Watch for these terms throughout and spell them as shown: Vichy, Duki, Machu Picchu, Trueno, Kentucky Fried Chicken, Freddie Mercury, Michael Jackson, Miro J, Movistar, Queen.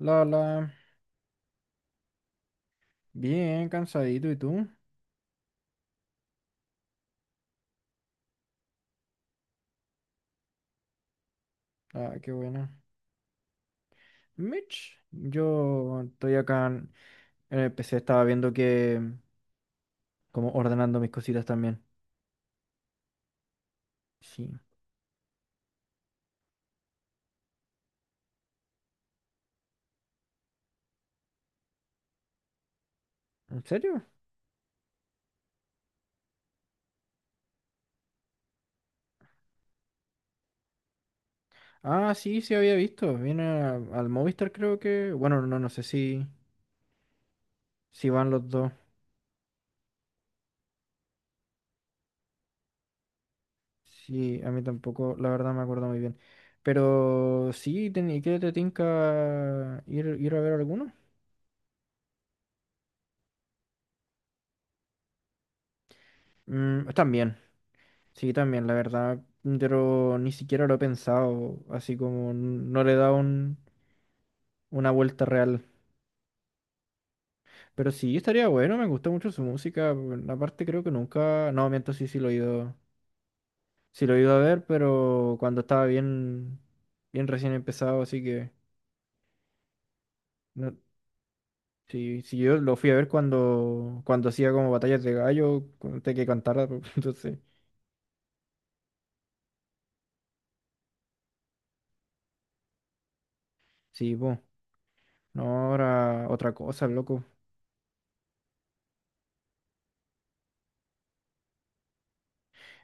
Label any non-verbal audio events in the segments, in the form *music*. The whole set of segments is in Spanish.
La, la, Bien cansadito, ¿y tú? Ah, qué bueno. Mitch, yo estoy acá en el PC, estaba viendo que, como ordenando mis cositas también. Sí, ¿en serio? Ah, sí, sí había visto. Viene al Movistar, creo que. Bueno, no, no sé si, van los dos. Sí, a mí tampoco, la verdad me acuerdo muy bien. Pero sí, ¿y qué te tinca ir a ver alguno? Están bien, sí, también, la verdad, pero ni siquiera lo he pensado, así como no le he dado una vuelta real. Pero sí, estaría bueno, me gusta mucho su música. Bueno, aparte creo que nunca, no, miento, sí, sí lo he ido a ver, pero cuando estaba bien, bien recién empezado, así que no, sí, sí, yo lo fui a ver cuando hacía como batallas de gallo, antes que cantara, *laughs* entonces, sí, pues, no, ahora otra cosa, loco.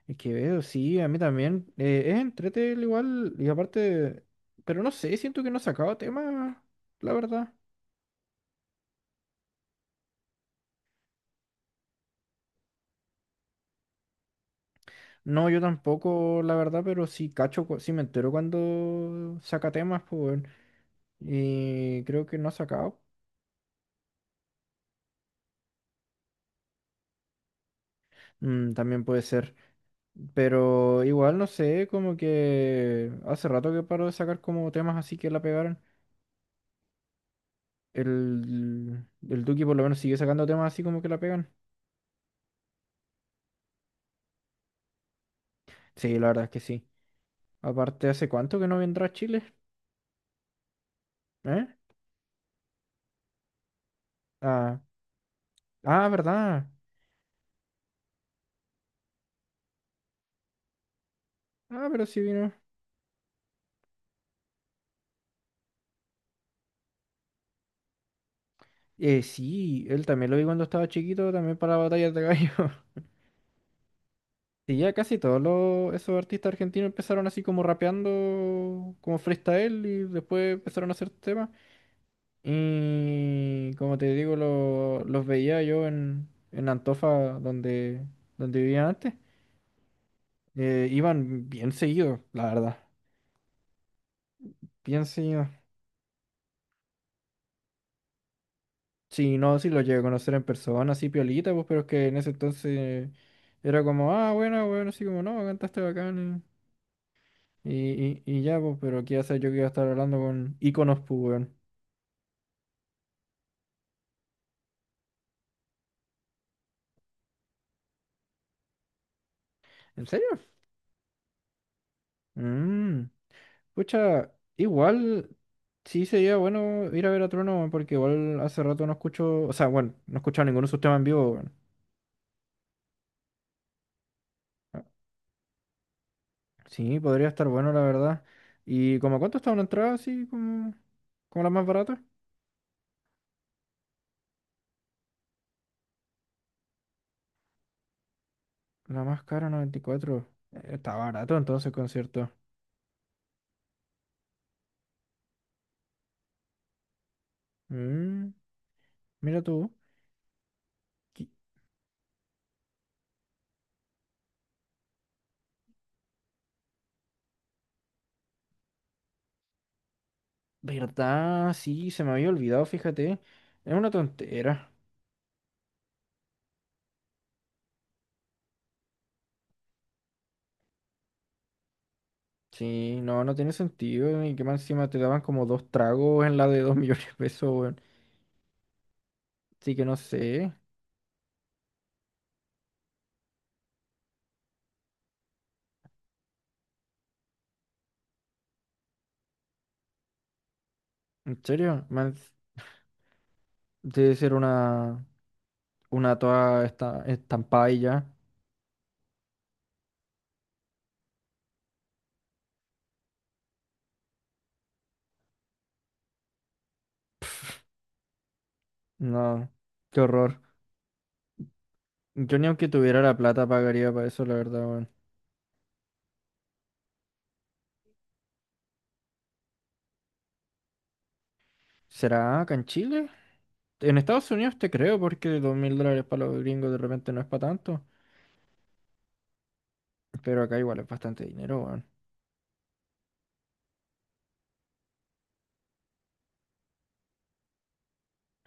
Es que veo, sí, a mí también. Es entrete el igual, y aparte, pero no sé, siento que no he sacado tema, la verdad. No, yo tampoco, la verdad, pero sí cacho, sí me entero cuando saca temas, pues, weón. Y creo que no ha sacado. También puede ser. Pero igual, no sé, como que hace rato que paró de sacar como temas así que la pegaron. El Duki por lo menos sigue sacando temas así como que la pegan. Sí, la verdad es que sí. Aparte, ¿hace cuánto que no vendrá a Chile? ¿Eh? Ah, ah, ¿verdad? Ah, pero sí vino. Sí, él también lo vi cuando estaba chiquito, también para batallas de gallo. *laughs* Sí, ya casi todos esos artistas argentinos empezaron así como rapeando, como freestyle, y después empezaron a hacer temas. Y como te digo, los veía yo en Antofa, donde, donde vivía antes. Iban bien seguidos, la verdad. Bien seguidos. Sí, no, sí lo llegué a conocer en persona, así piolita, pues, pero es que en ese entonces era como, ah, bueno, bueno, así como, no, cantaste bacán. eh, y ya, pues, pero qué hacer yo que iba a estar hablando con íconos, pues, weón. ¿En serio? Mmm. Pucha, igual sí sería bueno ir a ver a Trueno, weón, porque igual hace rato no escucho, o sea, bueno, no he escuchado ninguno de sus temas en vivo, weón. Sí, podría estar bueno, la verdad. ¿Y como cuánto está una entrada así, como la más barata? La más cara, 94. Está barato entonces el concierto. Mm, mira tú. Qui- ¿Verdad? Sí, se me había olvidado, fíjate. Es una tontera. Sí, no, no tiene sentido. Y que más encima te daban como dos tragos en la de 2 *laughs* millones de pesos, weón. Así que no sé. En serio, más debe ser una toda esta, estampada y ya. No, qué horror. Yo ni aunque tuviera la plata pagaría para eso, la verdad, weón. ¿Será acá en Chile? En Estados Unidos te creo porque $2.000 para los gringos de repente no es para tanto, pero acá igual es bastante dinero, weón.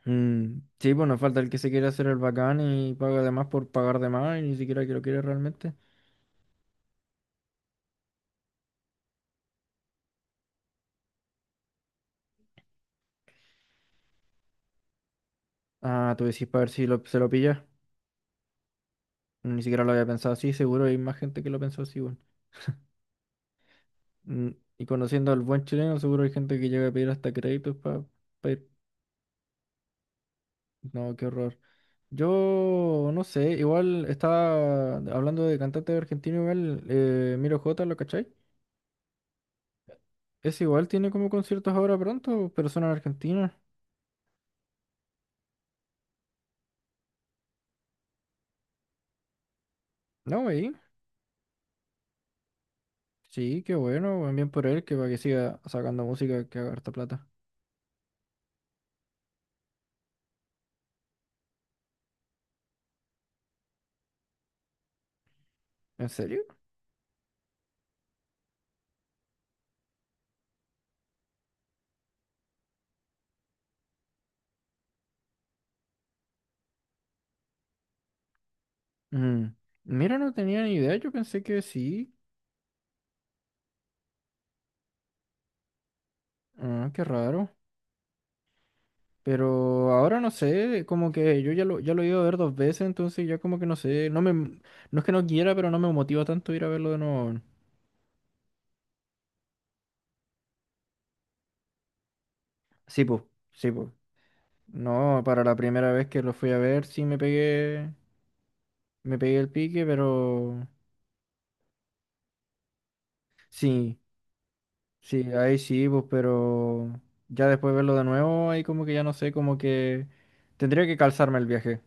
Mm, sí, pues nos falta el que se quiere hacer el bacán y paga de más por pagar de más y ni siquiera que lo quiere realmente. Ah, tú decís para ver si se lo pilla. Ni siquiera lo había pensado así, seguro hay más gente que lo pensó así, weón. Mm, y conociendo al buen chileno, seguro hay gente que llega a pedir hasta créditos para ir. No, qué horror. Yo no sé, igual estaba hablando de cantante argentino, igual, Miro J, ¿lo cachai? Es igual, tiene como conciertos ahora pronto, pero son en Argentina. No, güey. Sí, qué bueno, weón, bien por él, que para que siga sacando música que haga harta plata. ¿En serio? Mm, Mira, no tenía ni idea, yo pensé que sí. Ah, qué raro. Pero ahora no sé, como que yo ya lo he ido a ver dos veces, entonces ya como que no sé, no me, no es que no quiera, pero no me motiva tanto ir a verlo de nuevo. Sí, pues, sí, pues. No, para la primera vez que lo fui a ver sí me pegué el pique, pero sí. Sí, ahí sí, pues, pero ya después de verlo de nuevo, ahí como que ya no sé, como que tendría que calzarme el viaje.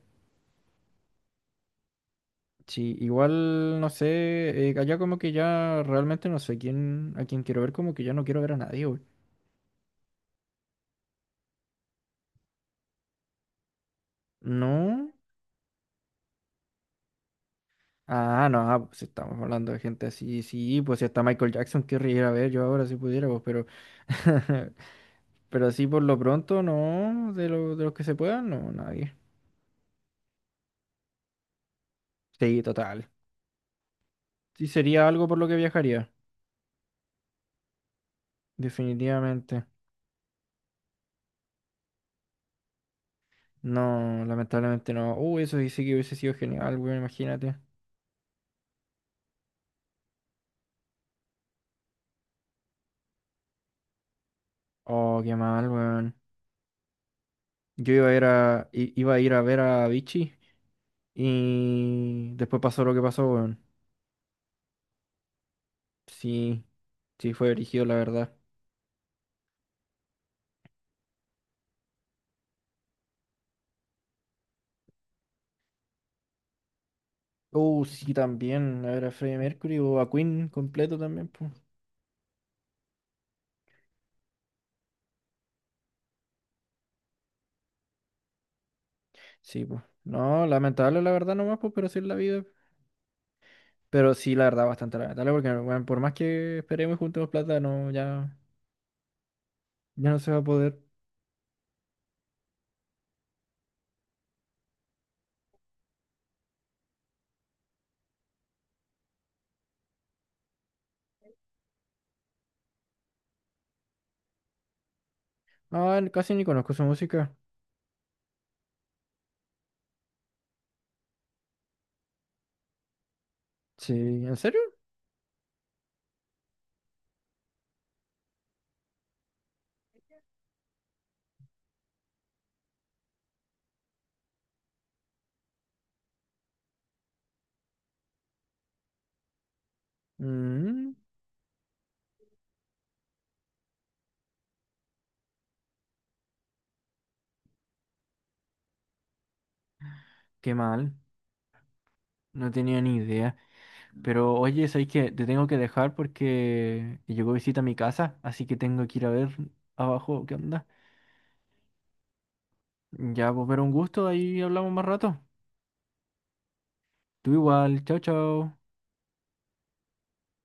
Sí, igual no sé, allá como que ya realmente no sé a quién quiero ver, como que ya no quiero ver a nadie, güey. ¿No? Ah, no, pues estamos hablando de gente así, sí, pues si hasta Michael Jackson querría ir a ver yo ahora si pudiera, pues, pero, *laughs* pero así por lo pronto, no, de los que se puedan, no, nadie. Sí, total. Sí, sería algo por lo que viajaría, definitivamente. No, lamentablemente no. Uy, eso sí sí que hubiese sido genial, weón, imagínate. Oh, qué mal, weón. Yo iba a ir a ver a Vichy y después pasó lo que pasó, weón. Sí, sí fue erigido, la verdad. Sí, también. A ver a Freddie Mercury o a Queen completo también, pues. Sí, pues. No, lamentable, la verdad, nomás, pues, pero sí es la vida. Pero sí, la verdad, bastante lamentable, porque, weón, por más que esperemos y juntemos plata, no, ya no se va a poder. No, casi ni conozco su música. Sí, ¿en serio? Mm, qué mal, no tenía ni idea. Pero oye, ¿sabes que te tengo que dejar porque llegó visita a mi casa? Así que tengo que ir a ver abajo qué onda. Ya, pues, pero un gusto, ahí hablamos más rato. Tú igual, chao, chao.